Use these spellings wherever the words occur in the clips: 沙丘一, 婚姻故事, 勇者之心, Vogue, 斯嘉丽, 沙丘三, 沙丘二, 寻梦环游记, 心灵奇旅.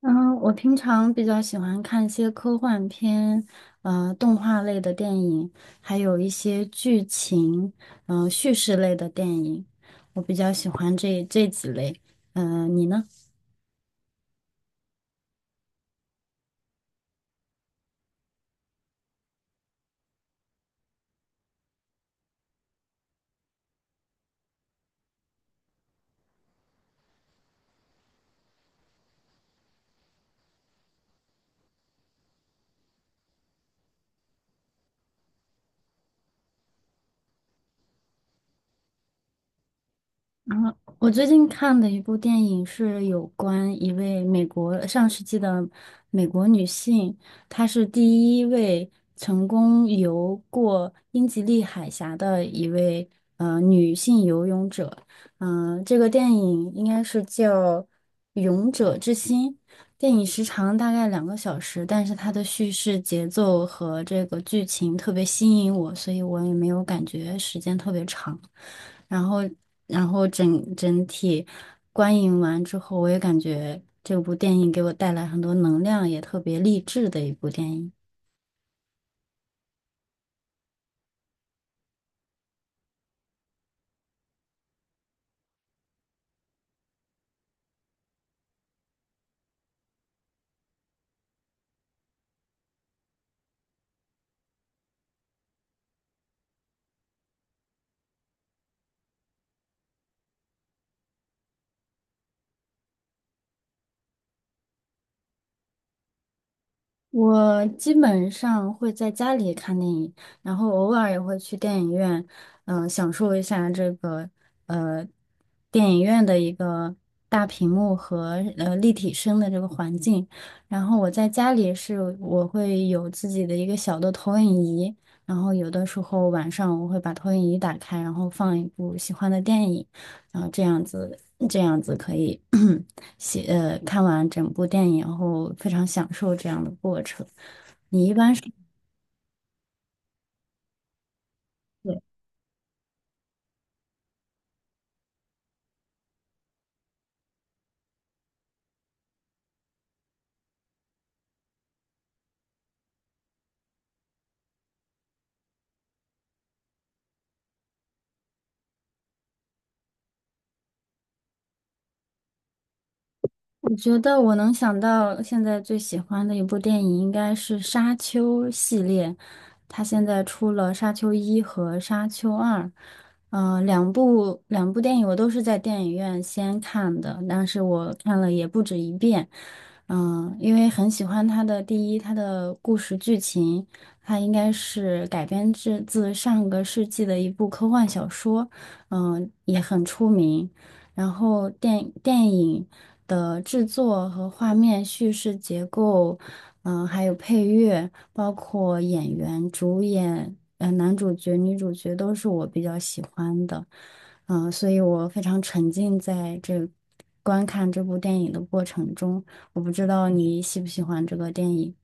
嗯，我平常比较喜欢看一些科幻片，动画类的电影，还有一些剧情，叙事类的电影，我比较喜欢这几类。你呢？然后我最近看的一部电影是有关一位美国上世纪的美国女性，她是第一位成功游过英吉利海峡的一位女性游泳者。这个电影应该是叫《勇者之心》。电影时长大概两个小时，但是它的叙事节奏和这个剧情特别吸引我，所以我也没有感觉时间特别长。然后，然后整体观影完之后，我也感觉这部电影给我带来很多能量，也特别励志的一部电影。我基本上会在家里看电影，然后偶尔也会去电影院，享受一下这个呃电影院的一个大屏幕和立体声的这个环境。然后我在家里是我会有自己的一个小的投影仪，然后有的时候晚上我会把投影仪打开，然后放一部喜欢的电影，然后这样子可以 看完整部电影后非常享受这样的过程。你一般我觉得我能想到现在最喜欢的一部电影应该是《沙丘》系列，它现在出了《沙丘一》和《沙丘二》，两部电影我都是在电影院先看的，但是我看了也不止一遍，因为很喜欢它的故事剧情，它应该是改编自上个世纪的一部科幻小说，也很出名。然后电影的制作和画面叙事结构，还有配乐，包括演员、主演，男主角、女主角都是我比较喜欢的，所以我非常沉浸在观看这部电影的过程中。我不知道你喜不喜欢这个电影。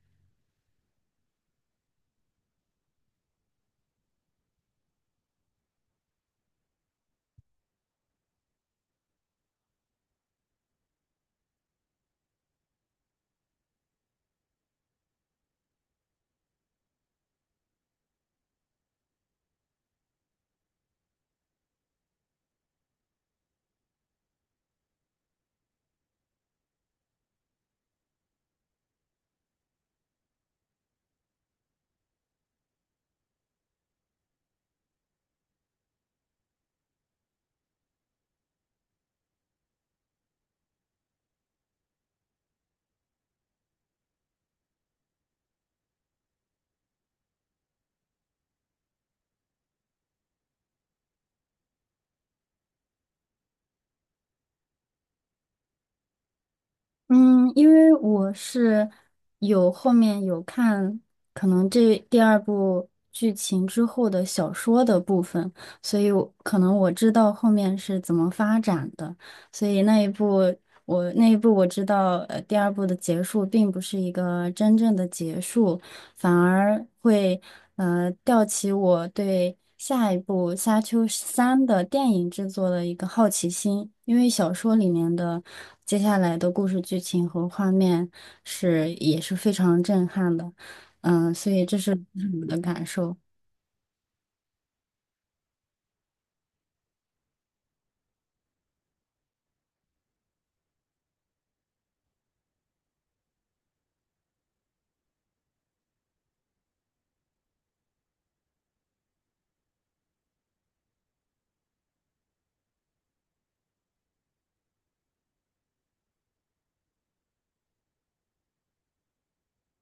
嗯，因为有后面有看，可能这第二部剧情之后的小说的部分，所以我可能我知道后面是怎么发展的，所以那一部我知道，第二部的结束并不是一个真正的结束，反而会吊起我对下一部《沙丘三》的电影制作的一个好奇心，因为小说里面的接下来的故事剧情和画面是也是非常震撼的，所以这是我的感受。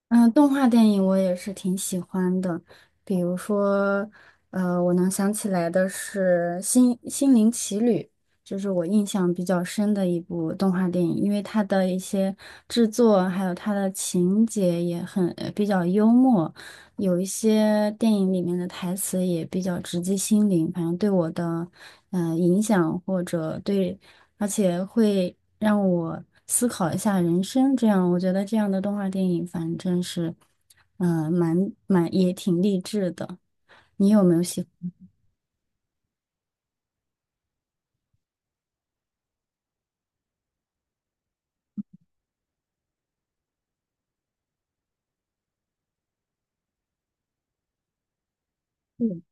嗯，动画电影我也是挺喜欢的，比如说，我能想起来的是《心灵奇旅》，就是我印象比较深的一部动画电影，因为它的一些制作还有它的情节也很，比较幽默，有一些电影里面的台词也比较直击心灵，反正对我的，影响或者而且会让我思考一下人生。这样，我觉得这样的动画电影，反正是，蛮也挺励志的。你有没有喜欢？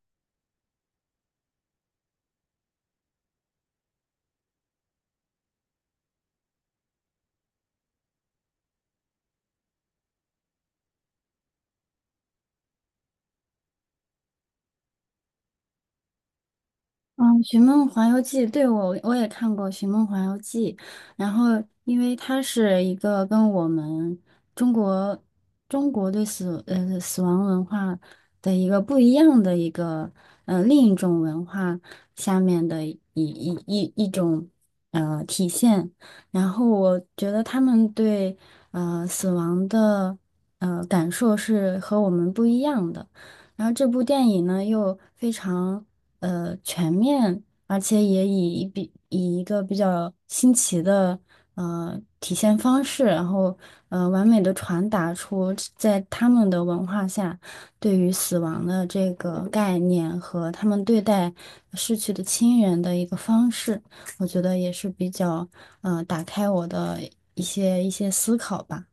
嗯，《寻梦环游记》我也看过《寻梦环游记》，然后因为它是一个跟我们中国中国对死亡文化的一个不一样的一个另一种文化下面的一种体现，然后我觉得他们对死亡的感受是和我们不一样的。然后这部电影呢又非常全面，而且也以一个比较新奇的体现方式，然后完美的传达出在他们的文化下对于死亡的这个概念和他们对待逝去的亲人的一个方式，我觉得也是比较打开我的一些思考吧。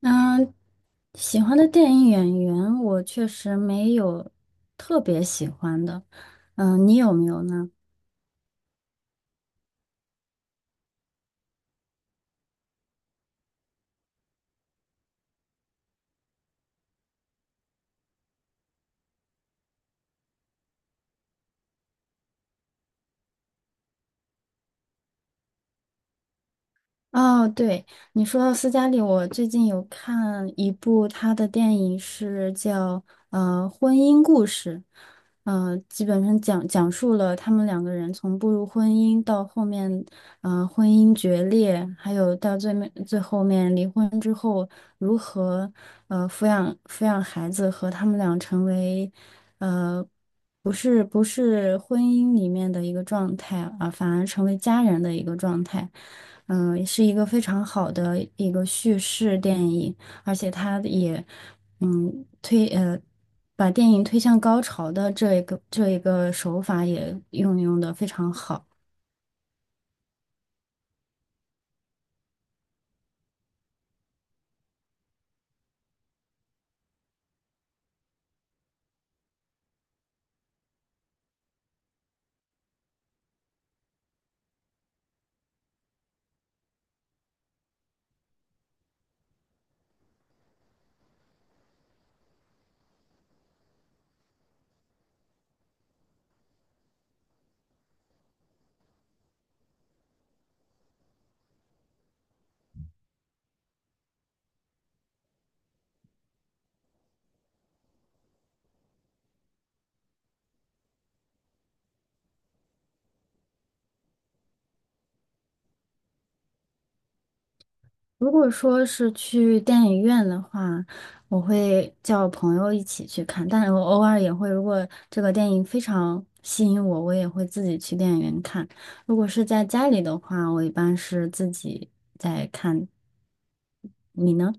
那喜欢的电影演员，我确实没有特别喜欢的。你有没有呢？哦，对，你说到斯嘉丽，我最近有看一部她的电影，是叫《婚姻故事》。基本上讲述了他们两个人从步入婚姻到后面，婚姻决裂，还有到最后面离婚之后如何，抚养孩子和他们俩成为，呃，不是婚姻里面的一个状态啊，反而成为家人的一个状态，是一个非常好的一个叙事电影。而且他也嗯推呃把电影推向高潮的这一个手法也运用的非常好。如果说是去电影院的话，我会叫朋友一起去看，但是我偶尔也会，如果这个电影非常吸引我，我也会自己去电影院看。如果是在家里的话，我一般是自己在看。你呢？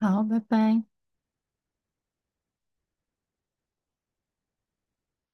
好，拜拜。